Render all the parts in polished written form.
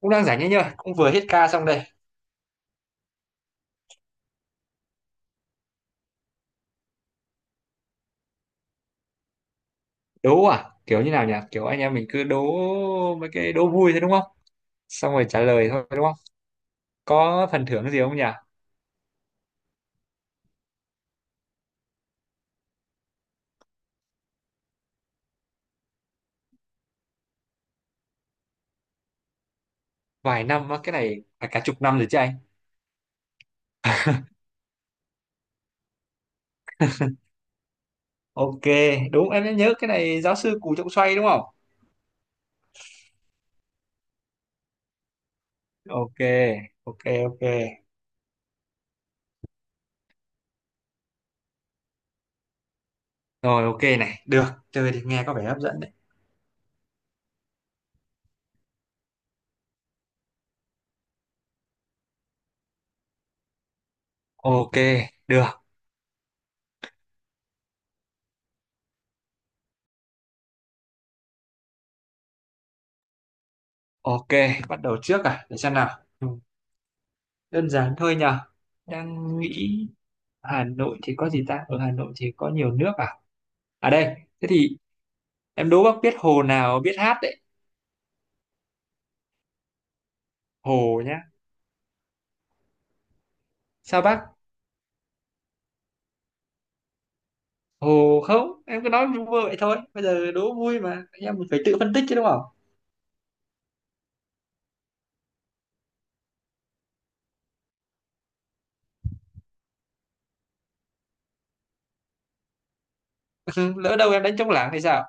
Cũng đang rảnh ấy nhờ, cũng vừa hết ca xong đây. Đố à, kiểu như nào nhỉ? Kiểu anh em mình cứ đố mấy cái đố vui thôi đúng không? Xong rồi trả lời thôi đúng không? Có phần thưởng gì không nhỉ? Vài năm á, cái này phải cả chục năm rồi chứ anh. OK, đúng, em nhớ cái này giáo sư Cù Trọng Xoay đúng không? OK. OK. OK. Rồi, OK, này được. Chơi thì nghe có vẻ hấp dẫn đấy. OK, được. OK, bắt đầu trước à, để xem nào. Ừ. Đơn giản thôi nhờ, đang nghĩ. Hà Nội thì có gì ta, ở Hà Nội thì có nhiều nước à. À đây, thế thì em đố bác biết hồ nào biết hát đấy. Hồ nhá. Sao bác? Hồ không, em cứ nói vui vậy thôi. Bây giờ đố vui mà, em phải tự phân tích chứ đúng không? Lỡ đâu em đánh trống lảng hay sao?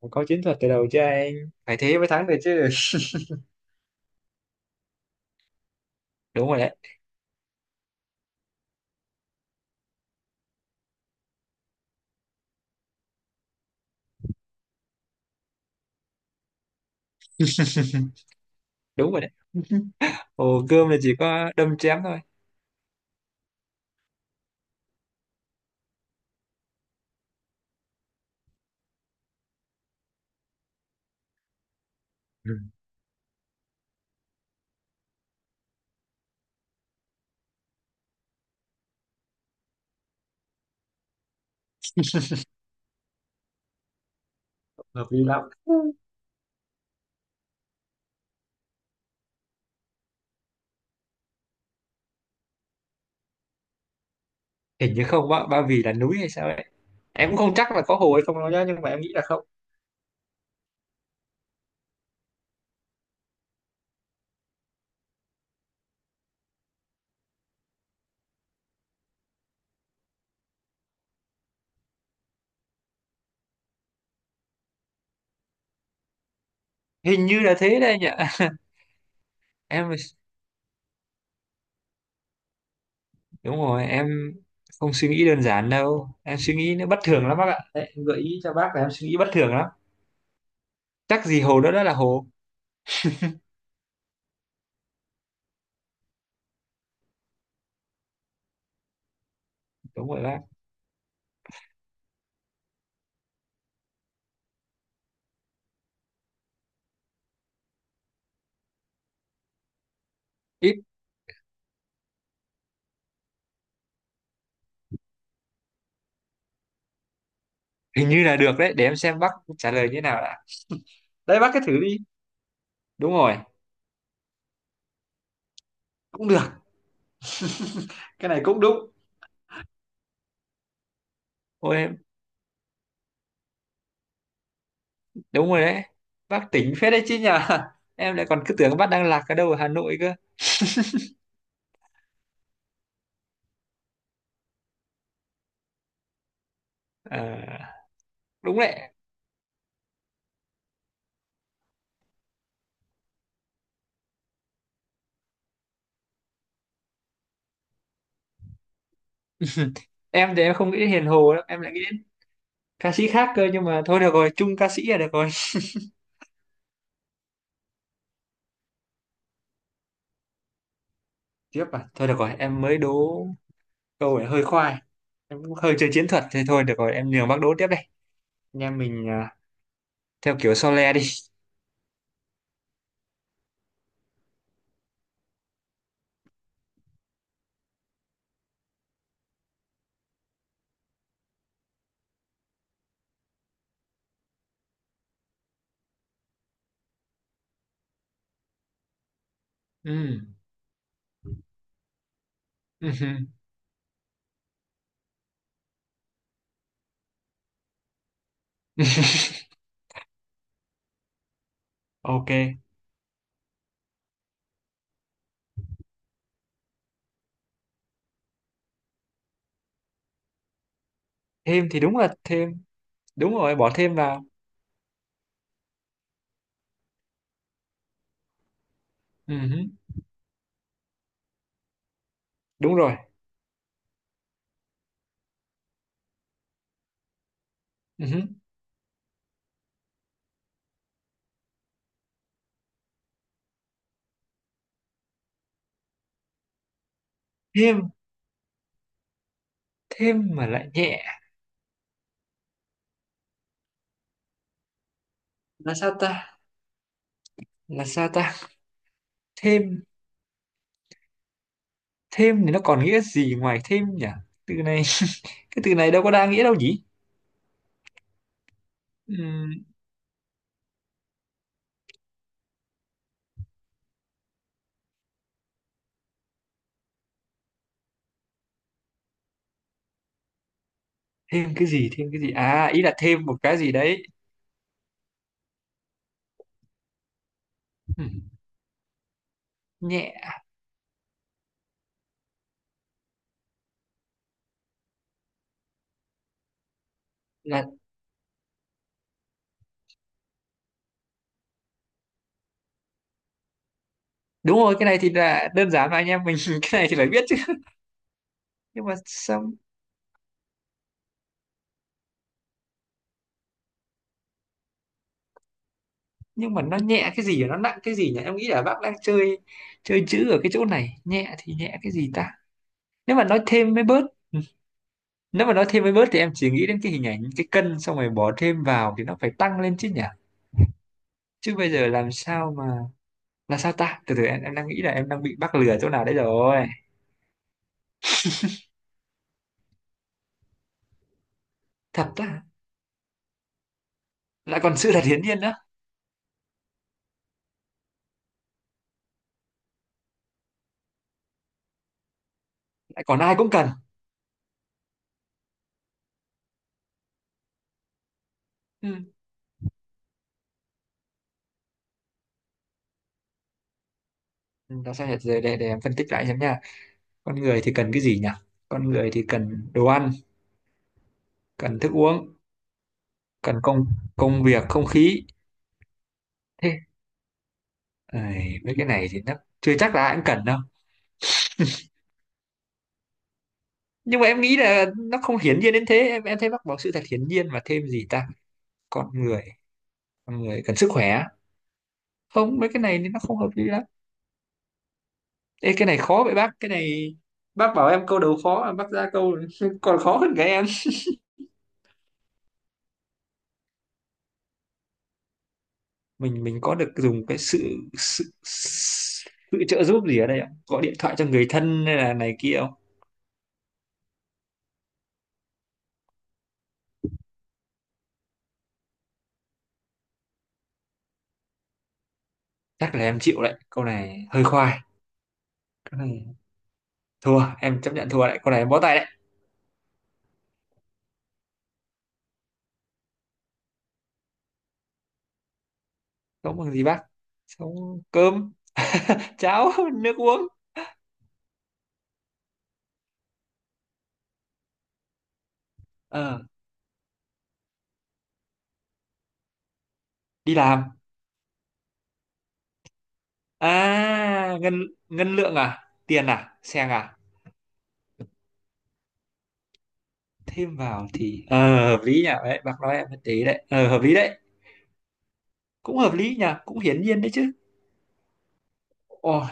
Phải có chiến thuật từ đầu chứ anh. Phải thế mới thắng được chứ. Đúng rồi đấy, đúng rồi đấy. Hồ Gươm là chỉ có đâm chém thôi. Ừ, hợp lý lắm. Hình như không, bác, Ba Vì là núi hay sao đấy. Em cũng không chắc là có hồ hay không đâu nhá, nhưng mà em nghĩ là không. Hình như là thế đây nhỉ. Em, đúng rồi em không suy nghĩ đơn giản đâu, em suy nghĩ nó bất thường lắm bác ạ. Đấy, em gợi ý cho bác là em suy nghĩ bất thường lắm. Chắc gì hồ đó đã là hồ. Đúng rồi bác. Ít. Hình như là được đấy, để em xem bác trả lời như thế nào đã. Đấy bác cứ thử đi. Đúng rồi. Cũng được, cái này cũng đúng. Ôi em. Đúng rồi đấy, bác tỉnh phết đấy chứ nhờ. Em lại còn cứ tưởng bác đang lạc ở đâu ở Hà Nội cơ. À, đúng đấy. Em thì em không nghĩ đến Hiền Hồ đâu, em lại nghĩ đến ca sĩ khác cơ, nhưng mà thôi được rồi, chung ca sĩ là được rồi. Tiếp à, thôi được rồi em mới đố. Câu này hơi khoai. Em cũng hơi chơi chiến thuật thế thôi, được rồi em nhường bác đố tiếp đây. Anh em mình à, theo kiểu Sole đi. Ừ. OK. Thêm thì đúng là thêm. Đúng rồi, bỏ thêm vào. Ừ. Đúng rồi. Ừ. Thêm, thêm mà lại nhẹ là sao ta? Là sao ta? Thêm, thêm thì nó còn nghĩa gì ngoài thêm nhỉ? Từ này, cái từ này đâu có đa nghĩa đâu nhỉ. Ừm, Thêm cái gì, thêm cái gì, à ý là thêm một cái gì đấy. Ừm, Nhẹ là, đúng rồi cái này thì là đơn giản mà anh em mình cái này thì phải biết chứ. Nhưng mà sao, nhưng mà nó nhẹ cái gì và nó nặng cái gì nhỉ? Em nghĩ là bác đang chơi, chơi chữ ở cái chỗ này. Nhẹ thì nhẹ cái gì ta? Nếu mà nói thêm mới bớt. Ừ. Nếu mà nói thêm mới bớt thì em chỉ nghĩ đến cái hình ảnh cái cân, xong rồi bỏ thêm vào thì nó phải tăng lên chứ nhỉ. Chứ bây giờ làm sao mà, là sao ta? Từ từ em đang nghĩ là em đang bị bác lừa chỗ nào đấy rồi. Thật ta? Lại còn sự thật hiển nhiên nữa. Lại còn ai cũng cần. Ừ. Ừ, là sao nhỉ, để em phân tích lại xem nha. Con người thì cần cái gì nhỉ? Con người thì cần đồ ăn, cần thức uống, cần công, công việc, không khí. Thế. Ầy, mấy cái này thì nó chưa chắc là ai cũng cần đâu. Nhưng mà em nghĩ là nó không hiển nhiên đến thế Em thấy bác bảo sự thật hiển nhiên, và thêm gì ta? Con người, con người cần sức khỏe. Không, mấy cái này thì nó không hợp lý lắm. Ê, cái này khó vậy bác. Cái này bác bảo em câu đầu khó à? Bác ra câu còn khó hơn cái em. Mình có được dùng cái sự sự sự trợ giúp gì ở đây không? Gọi điện thoại cho người thân hay là này kia không? Chắc là em chịu đấy, câu này hơi khoai. Câu này thua, em chấp nhận thua đấy, câu này em bó tay đấy. Sống bằng gì bác? Sống cơm cháo, nước uống. Ờ. Đi làm. À ngân, ngân lượng à, tiền à, xe à. Thêm vào thì, hợp lý nhỉ, đấy bác nói em mới tí đấy, hợp lý đấy. Cũng hợp lý nhỉ, cũng hiển nhiên đấy chứ. Ôi.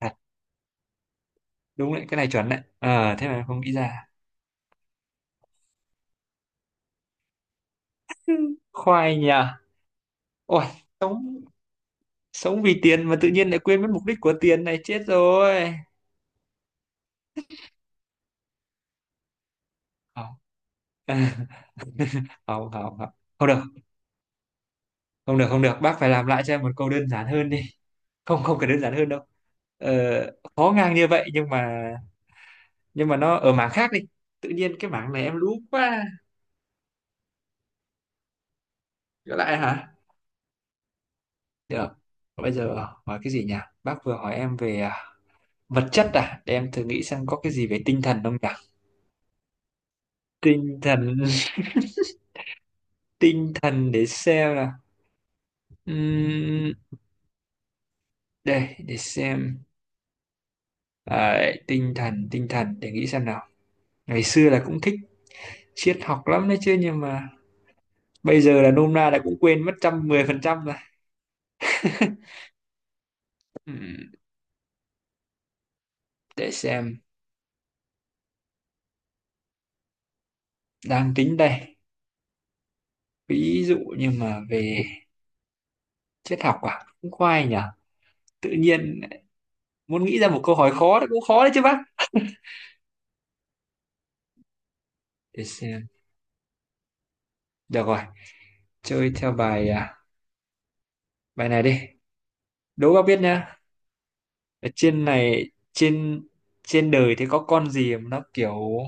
Thật. Đúng đấy, cái này chuẩn đấy, thế mà em không nghĩ ra. Khoai nhỉ. Ôi, sống, sống vì tiền mà tự nhiên lại quên mất mục đích của tiền, này chết rồi. Không. Không, không, không. Không được, không được, không được bác, phải làm lại cho em một câu đơn giản hơn đi. Không, không cần đơn giản hơn đâu. ờ, Khó ngang như vậy, nhưng mà, nhưng mà nó ở mảng khác đi. Tự nhiên cái mảng này em lú quá. Trở lại hả? Được, bây giờ hỏi cái gì nhỉ? Bác vừa hỏi em về à, vật chất à, để em thử nghĩ xem có cái gì về tinh thần không nhỉ. Tinh thần. Tinh thần để xem là, Ừm, đây để xem. À, tinh thần, tinh thần, để nghĩ xem nào. Ngày xưa là cũng thích triết học lắm đấy chứ, nhưng mà bây giờ là nôm na là cũng quên mất 110% rồi. Ừm, để xem, đang tính đây. Ví dụ như mà về triết học à, cũng khoai nhỉ. Tự nhiên muốn nghĩ ra một câu hỏi khó thì cũng khó đấy chứ bác. Để xem, được rồi, chơi theo bài à, bài này đi. Đố bác biết nhá, ở trên này, trên, trên đời thì có con gì mà nó kiểu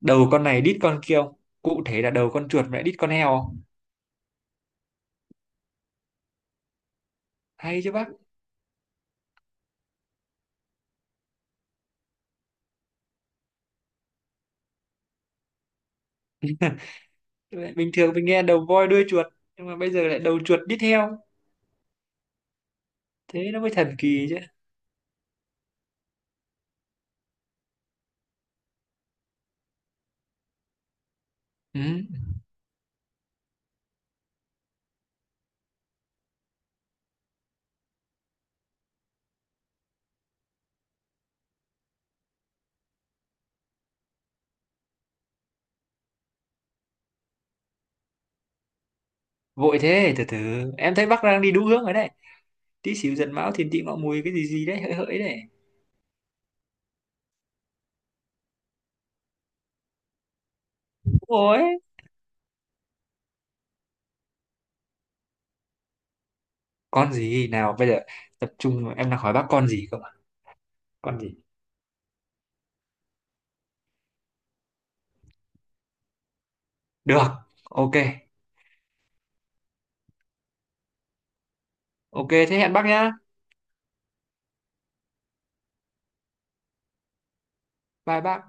đầu con này đít con kia không? Cụ thể là đầu con chuột mà lại đít con heo không. Hay chứ bác. Lại bình thường mình nghe đầu voi đuôi chuột, nhưng mà bây giờ lại đầu chuột đi theo. Thế nó mới thần kỳ chứ. Ừ. Vội thế, từ từ. Em thấy bác đang đi đúng hướng rồi đấy. Tí, xíu, giận, mão, thiền, tị, ngọ, mùi cái gì gì đấy, hỡi, hỡi đấy. Ôi. Con gì nào bây giờ, tập trung em đang hỏi bác con gì không ạ. Con gì? Được, OK. OK, thế hẹn bác nhá. Bye bác.